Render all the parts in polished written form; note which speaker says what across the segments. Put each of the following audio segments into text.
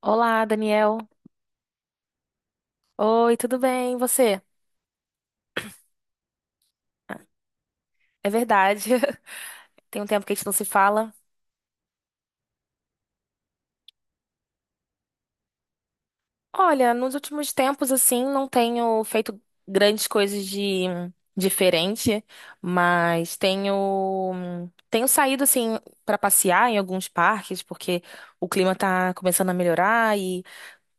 Speaker 1: Olá, Daniel. Oi, tudo bem? E você? É verdade. Tem um tempo que a gente não se fala. Olha, nos últimos tempos, assim, não tenho feito grandes coisas de diferente, mas tenho saído assim para passear em alguns parques, porque o clima tá começando a melhorar e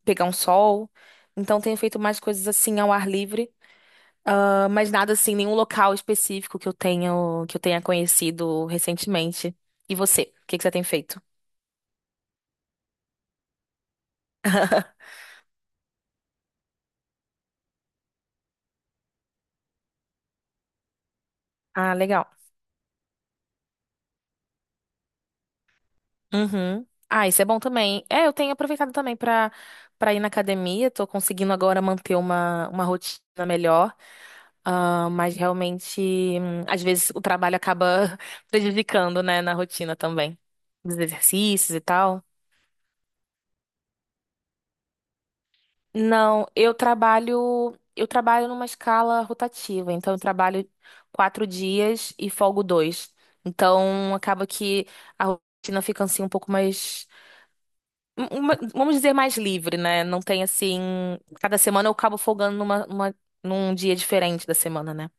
Speaker 1: pegar um sol. Então tenho feito mais coisas assim ao ar livre. Ah, mas nada assim, nenhum local específico que eu tenho, que eu tenha conhecido recentemente. E você? O que que você tem feito? Ah, legal. Uhum. Ah, isso é bom também. É, eu tenho aproveitado também pra para ir na academia. Tô conseguindo agora manter uma rotina melhor. Ah, mas realmente, às vezes o trabalho acaba prejudicando, né, na rotina também. Dos exercícios e tal. Não, eu trabalho numa escala rotativa, então eu trabalho quatro dias e folgo dois. Então acaba que a rotina fica assim um pouco mais, vamos dizer, mais livre, né? Não tem assim, cada semana eu acabo folgando num dia diferente da semana, né?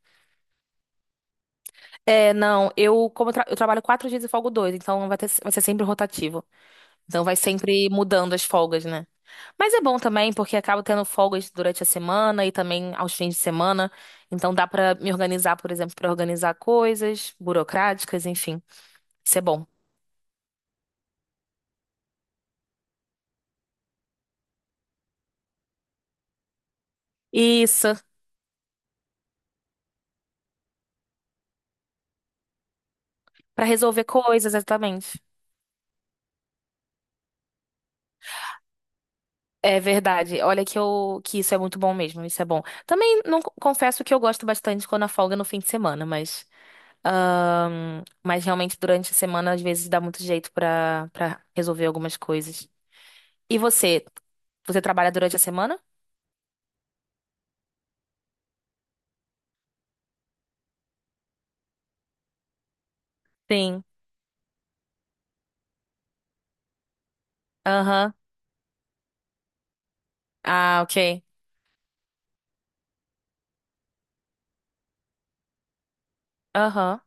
Speaker 1: É, não, eu trabalho quatro dias e folgo dois, então vai ser sempre rotativo. Então vai sempre mudando as folgas, né? Mas é bom também, porque acabo tendo folgas durante a semana e também aos fins de semana. Então dá pra me organizar, por exemplo, pra organizar coisas burocráticas, enfim. Isso é bom. Isso. Pra resolver coisas, exatamente. É verdade. Olha que eu que isso é muito bom mesmo, isso é bom. Também não confesso que eu gosto bastante quando a folga é no fim de semana, mas realmente durante a semana às vezes dá muito jeito pra para resolver algumas coisas. E você? Você trabalha durante a semana? Sim. Aham. Ah, ok. Aham.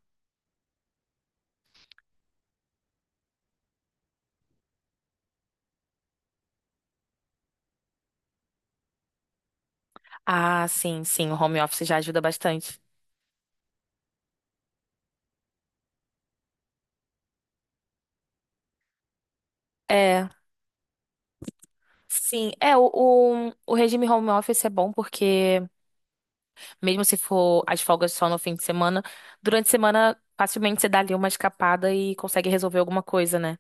Speaker 1: Ah, sim, sim. O home office já ajuda bastante. É, sim. É, o regime home office é bom porque, mesmo se for as folgas só no fim de semana, durante a semana, facilmente você dá ali uma escapada e consegue resolver alguma coisa, né?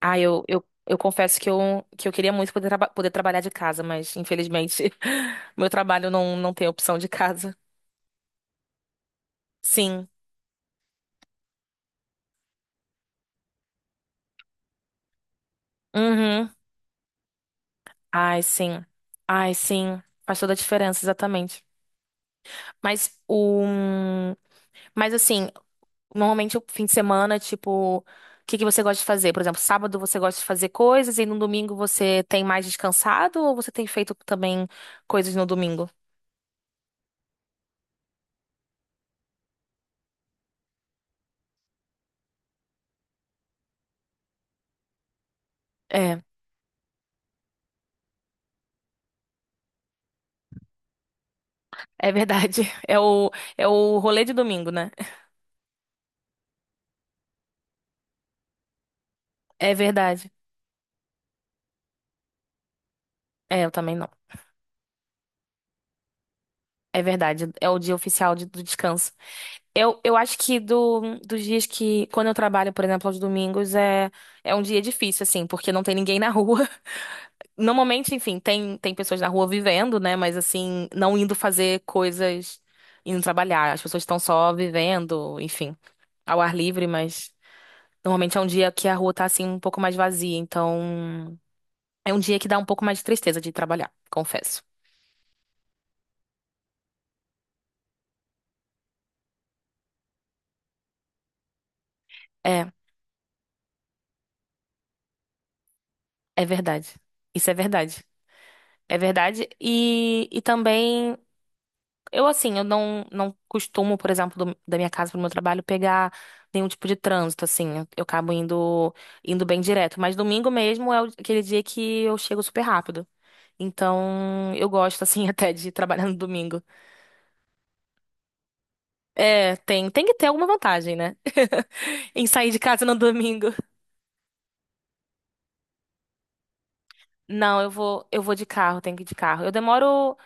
Speaker 1: Ah, eu confesso que que eu queria muito poder, poder trabalhar de casa, mas, infelizmente, meu trabalho não, não tem opção de casa. Sim. Uhum. Ai, sim. Ai, sim. Faz toda a diferença, exatamente. Mas o. Mas assim, normalmente o fim de semana, tipo, o que que você gosta de fazer? Por exemplo, sábado você gosta de fazer coisas e no domingo você tem mais descansado ou você tem feito também coisas no domingo? É, é verdade. É o, é o rolê de domingo, né? É verdade. É, eu também não. É verdade. É o dia oficial de- do descanso. Eu acho que do, dos dias que, quando eu trabalho, por exemplo, aos domingos, é, é um dia difícil, assim, porque não tem ninguém na rua. Normalmente, enfim, tem, tem pessoas na rua vivendo, né? Mas, assim, não indo fazer coisas, indo trabalhar. As pessoas estão só vivendo, enfim, ao ar livre, mas normalmente é um dia que a rua tá, assim, um pouco mais vazia. Então, é um dia que dá um pouco mais de tristeza de trabalhar, confesso. É, é verdade. Isso é verdade. É verdade. E também. Eu, assim, eu não, não costumo, por exemplo, da minha casa pro meu trabalho pegar nenhum tipo de trânsito, assim. Eu acabo indo, indo bem direto. Mas domingo mesmo é aquele dia que eu chego super rápido. Então, eu gosto, assim, até de trabalhar no domingo. É, tem que ter alguma vantagem, né? Em sair de casa no domingo. Não, eu vou de carro, tenho que ir de carro. Eu demoro,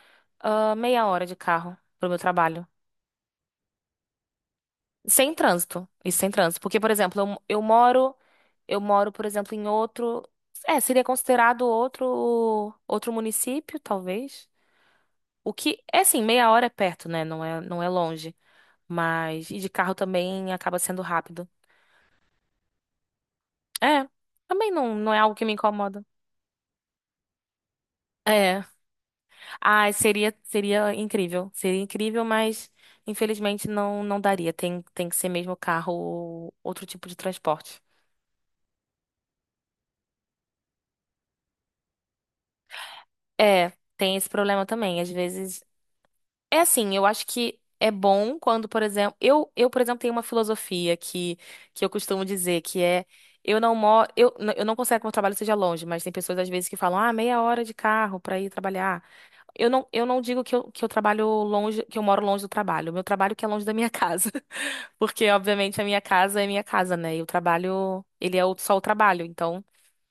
Speaker 1: ah, meia hora de carro pro meu trabalho. Sem trânsito. Isso sem trânsito. Porque, por exemplo, eu moro. Eu moro, por exemplo, em outro. É, seria considerado outro município, talvez. O que é assim, meia hora é perto, né? Não é, não é longe. Mas e de carro também acaba sendo rápido. É, também não, não é algo que me incomoda. É. Ah, seria incrível. Seria incrível, mas infelizmente não não daria. Tem que ser mesmo carro ou outro tipo de transporte. É, tem esse problema também. Às vezes. É assim, eu acho que é bom quando, por exemplo, por exemplo, tenho uma filosofia que eu costumo dizer, que é eu não moro, eu não considero que meu trabalho seja longe, mas tem pessoas às vezes que falam, ah, meia hora de carro pra ir trabalhar. Eu não digo que eu trabalho longe, que eu moro longe do trabalho. Meu trabalho que é longe da minha casa. Porque, obviamente, a minha casa é minha casa, né? E o trabalho, ele é só o trabalho, então.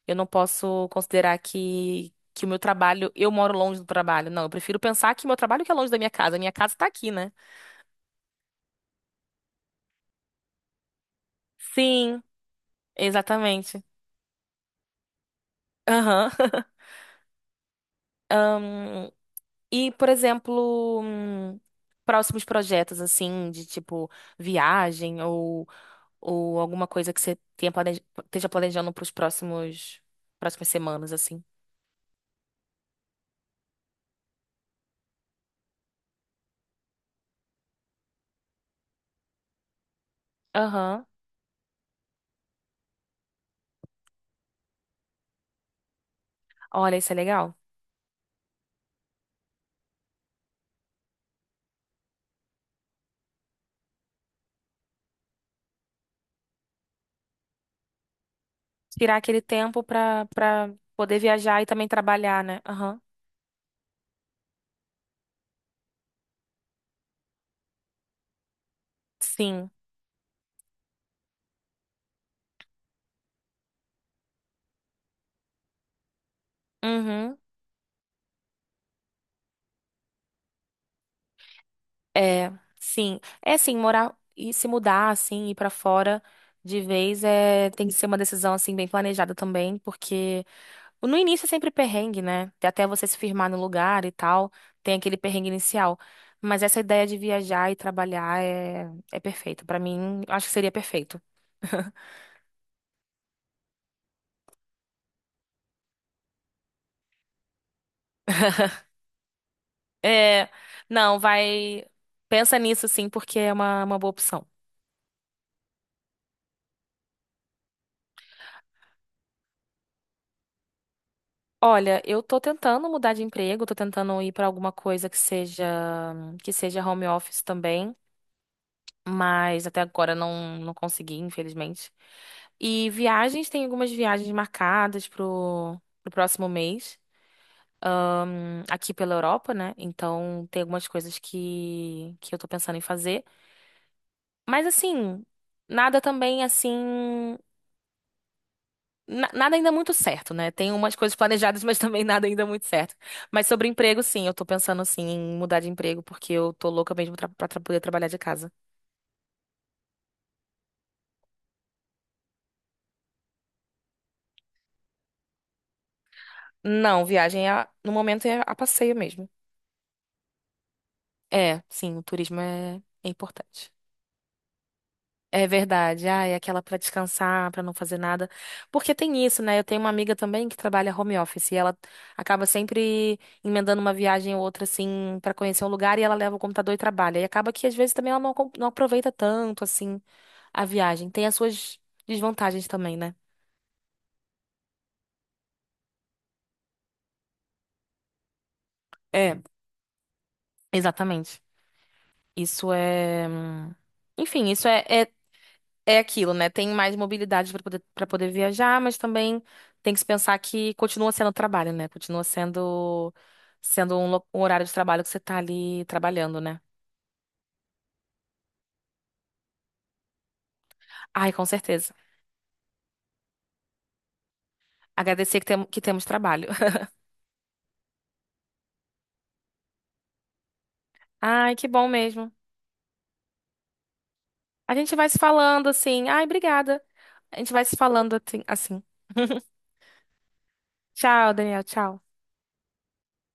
Speaker 1: Eu não posso considerar que o meu trabalho, eu moro longe do trabalho. Não, eu prefiro pensar que meu trabalho que é longe da minha casa. A minha casa tá aqui, né? Sim, exatamente. Aham. Ahn, e, por exemplo, próximos projetos, assim, de tipo viagem ou alguma coisa que você tenha planeja, esteja planejando para os próximos, próximas semanas, assim. Aham. Olha, isso é legal. Tirar aquele tempo pra, pra poder viajar e também trabalhar, né? Aham. Sim. Uhum. É, sim. É assim, morar e se mudar assim, ir pra fora de vez é tem que ser uma decisão assim bem planejada também, porque no início é sempre perrengue, né? Até você se firmar no lugar e tal, tem aquele perrengue inicial. Mas essa ideia de viajar e trabalhar é, é perfeito. Pra mim, eu acho que seria perfeito. É, não, vai. Pensa nisso sim, porque é uma boa opção. Olha, eu tô tentando mudar de emprego, tô tentando ir pra alguma coisa que seja home office também, mas até agora não não consegui, infelizmente. E viagens, tem algumas viagens marcadas pro próximo mês, aqui pela Europa, né? Então tem algumas coisas que eu tô pensando em fazer, mas assim, nada também assim. Nada ainda muito certo, né? Tem umas coisas planejadas, mas também nada ainda muito certo. Mas sobre emprego, sim, eu tô pensando assim em mudar de emprego, porque eu tô louca mesmo pra, poder trabalhar de casa. Não, viagem é no momento é a passeio mesmo. É, sim, o turismo é, é importante. É verdade. Ah, é aquela pra descansar, pra não fazer nada. Porque tem isso, né? Eu tenho uma amiga também que trabalha home office e ela acaba sempre emendando uma viagem ou outra assim pra conhecer um lugar e ela leva o computador e trabalha. E acaba que às vezes também ela não, não aproveita tanto assim a viagem. Tem as suas desvantagens também, né? É. Exatamente. Isso é. Enfim, isso é, é. É aquilo, né? Tem mais mobilidade para poder viajar, mas também tem que se pensar que continua sendo trabalho, né? Continua sendo sendo um, um horário de trabalho que você tá ali trabalhando, né? Ai, com certeza. Agradecer que, tem, que temos trabalho. Ai, que bom mesmo. A gente vai se falando assim. Ai, obrigada. A gente vai se falando assim. Tchau, Daniel. Tchau.